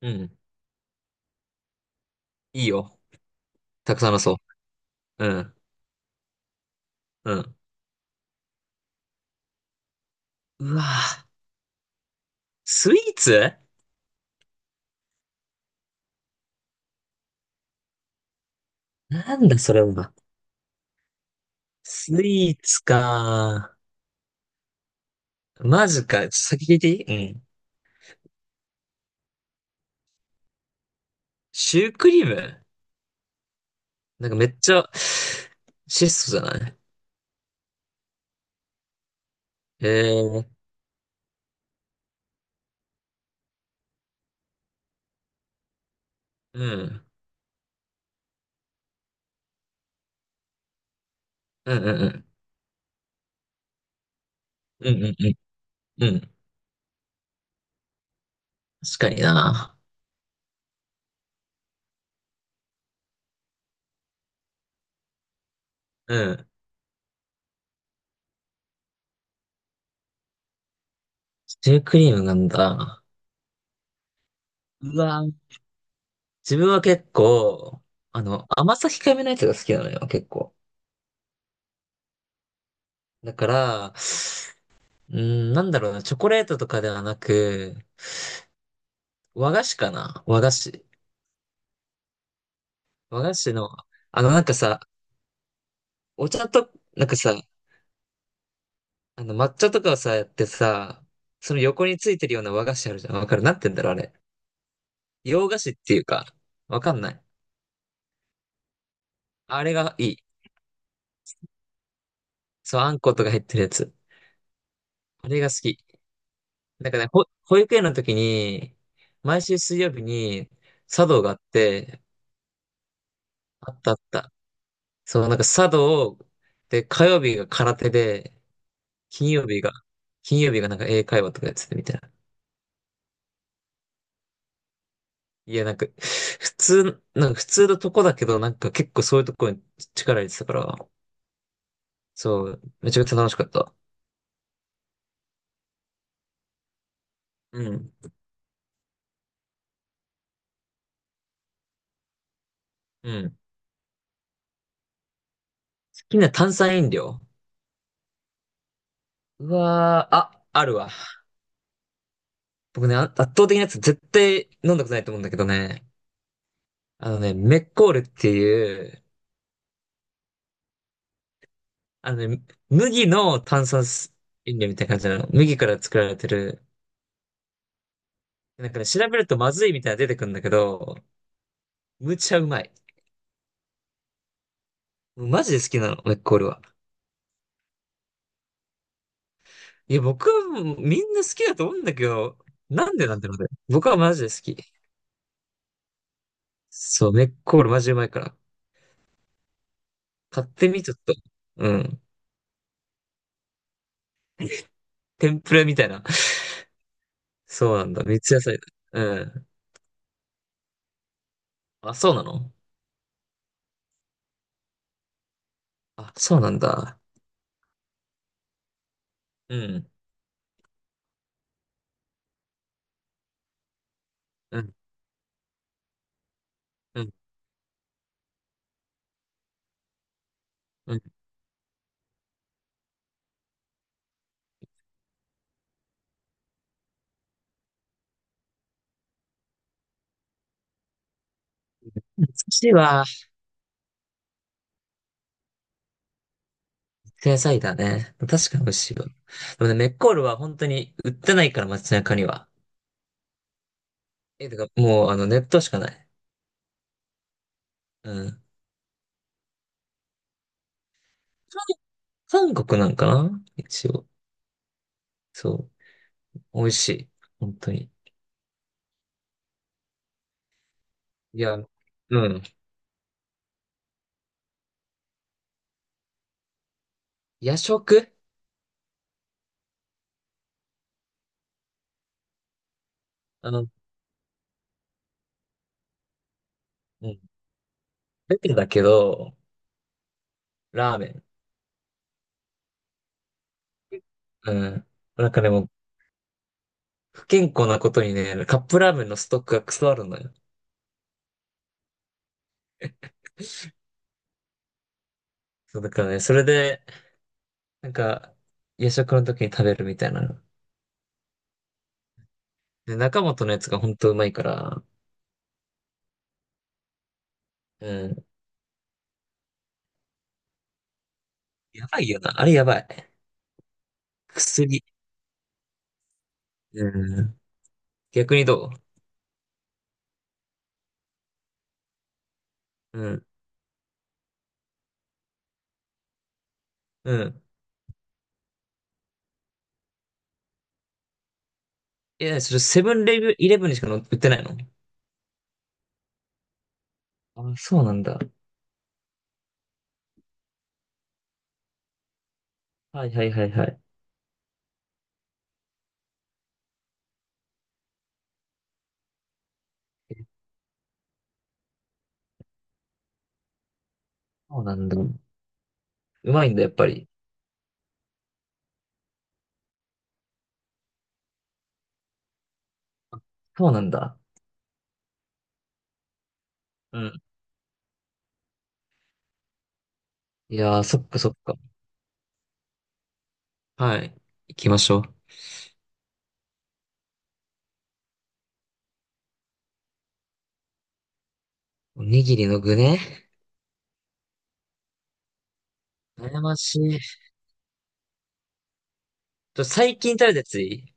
うん。いいよ。たくさんのそう。うん。うん。うわぁ。スイーツ。なんだそれは。スイーツか。マジか。ちょっと先聞いていい。うん。シュークリーム。なんかめっちゃ、質素じゃない。えー、うん。うんうんうん。うんうんうん。うん。確かにな。うん。シュークリームなんだ。うわぁ。自分は結構、甘さ控えめなやつが好きなのよ、結構。だから、うーん、なんだろうな、チョコレートとかではなく、和菓子かな和菓子。和菓子の、なんかさ、お茶と、なんかさ、抹茶とかをさ、やってさ、その横についてるような和菓子あるじゃん。わかる。なんて言うんだろう、あれ。洋菓子っていうか、わかんない。あれがいい。そう、あんことか入ってるやつ。あれが好き。なんかね、保育園の時に、毎週水曜日に、茶道があって、あったあった。そう、なんか茶道で、火曜日が空手で、金曜日が、金曜日がなんか英会話とかやってたみたいな。いや、なんか、普通、なんか普通のとこだけど、なんか結構そういうとこに力入れてたから、そう、めちゃくちゃ楽しかった。うん。うん。好きな炭酸飲料。うわー、あ、あるわ。僕ね、あ圧倒的なやつ絶対飲んだことないと思うんだけどね。あのね、メッコールっていう、あのね、麦の炭酸飲料みたいな感じなの。麦から作られてる。なんかね、調べるとまずいみたいなの出てくるんだけど、むちゃうまい。マジで好きなの、メッコールは。いや、僕はもうみんな好きだと思うんだけど、なんでなんだろうね。僕はマジで好き。そう、メッコールマジうまいから。買ってみ、ちょっと。うん。天ぷらみたいな。そうなんだ。三つ野菜だ。うん。あ、そうなの。あ、そうなんだ。うん。うん。うん。うん。寿司は、野菜だね。確かに美味しいわ。でもね、メッコールは本当に売ってないから、街中には。え、てか、もう、ネットしかない。うん。韓国なんかな一応。そう。美味しい。本当に。いや、うん。夜食。あの、うん。出てだけど、ラーメン。うん。なんかでも、不健康なことにね、カップラーメンのストックがクソあるのよ。そうだからね、それで、なんか、夜食の時に食べるみたいな。で、中本のやつが本当うまいから、うん。やばいよな。あれやばい。薬。うん。逆にどう。うん。うん。いや、それセブンイレブンにしか売ってないの。あ、そうなんだ。はいはいはいはい。そうなんだ。うまいんだ、やっぱり。あ、そうなんだ。うん。いやー、そっかそっか。はい。行きましょう。おにぎりの具ね。悩ましい。最近食べたやついい？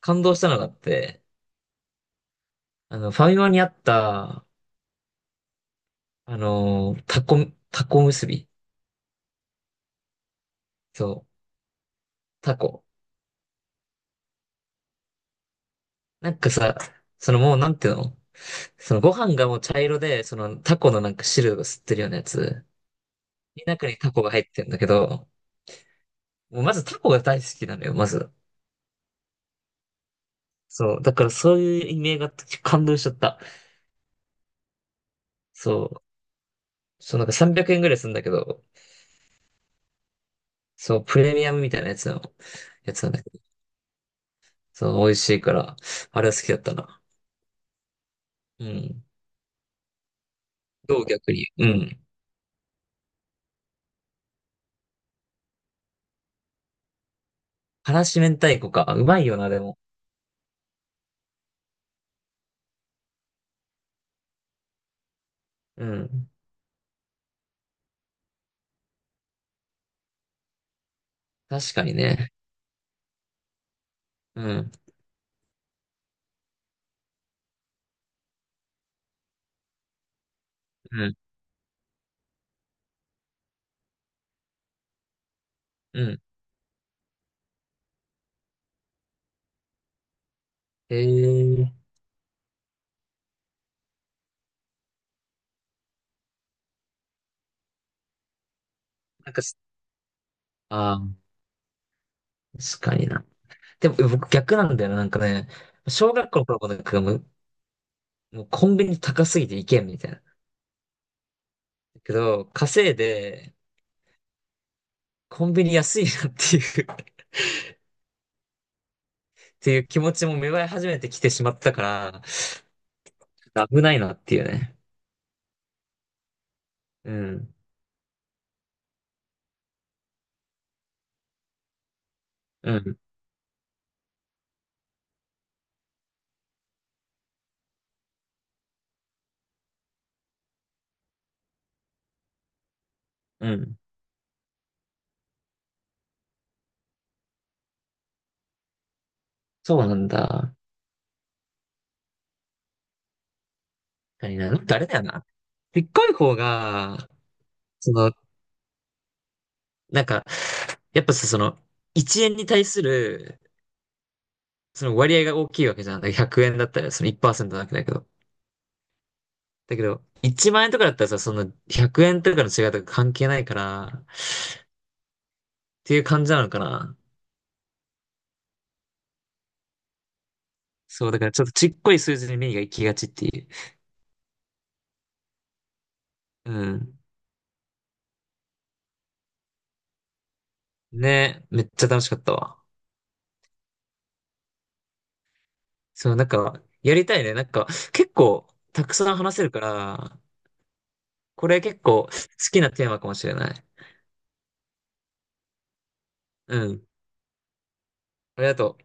感動したのがあって、ファミマにあった、タコ、タコ結び。そう、タコ。なんかさ、そのもうなんていうの。そのご飯がもう茶色で、そのタコのなんか汁を吸ってるようなやつ。中にタコが入ってるんだけど、もうまずタコが大好きなのよ、まず。そう。だからそういう意味ージがあって感動しちゃった。そう。そう、なんか300円ぐらいするんだけど、そう、プレミアムみたいなやつの、やつなんだけど、そう、美味しいから、あれは好きだったな。うん。どう逆に。うん。辛子明太子か。うまいよな、でも。うん。確かにね。うん。うん。うん。えー、なんかす、あー、確かにな。でも、僕逆なんだよな。なんかね、小学校の頃もなんかもうコンビニ高すぎて行けんみたいな。だけど、稼いで、コンビニ安いなっていう っていう気持ちも芽生え始めてきてしまったから、危ないなっていうね。うん。うん。うん。そうなんだ。確かにな。なんかあれだよな。でっかい方が、その、なんか、やっぱさ、その、1円に対する、その割合が大きいわけじゃん。だから100円だったら、その1%なわけだけど。だけど、1万円とかだったらさ、その100円とかの違いとか関係ないから、っていう感じなのかな。そう、だからちょっとちっこい数字に目が行きがちっていう。うん。ね、めっちゃ楽しかったわ。そう、なんか、やりたいね。なんか、結構、たくさん話せるから、これ結構好きなテーマかもしれない。うん。ありがとう。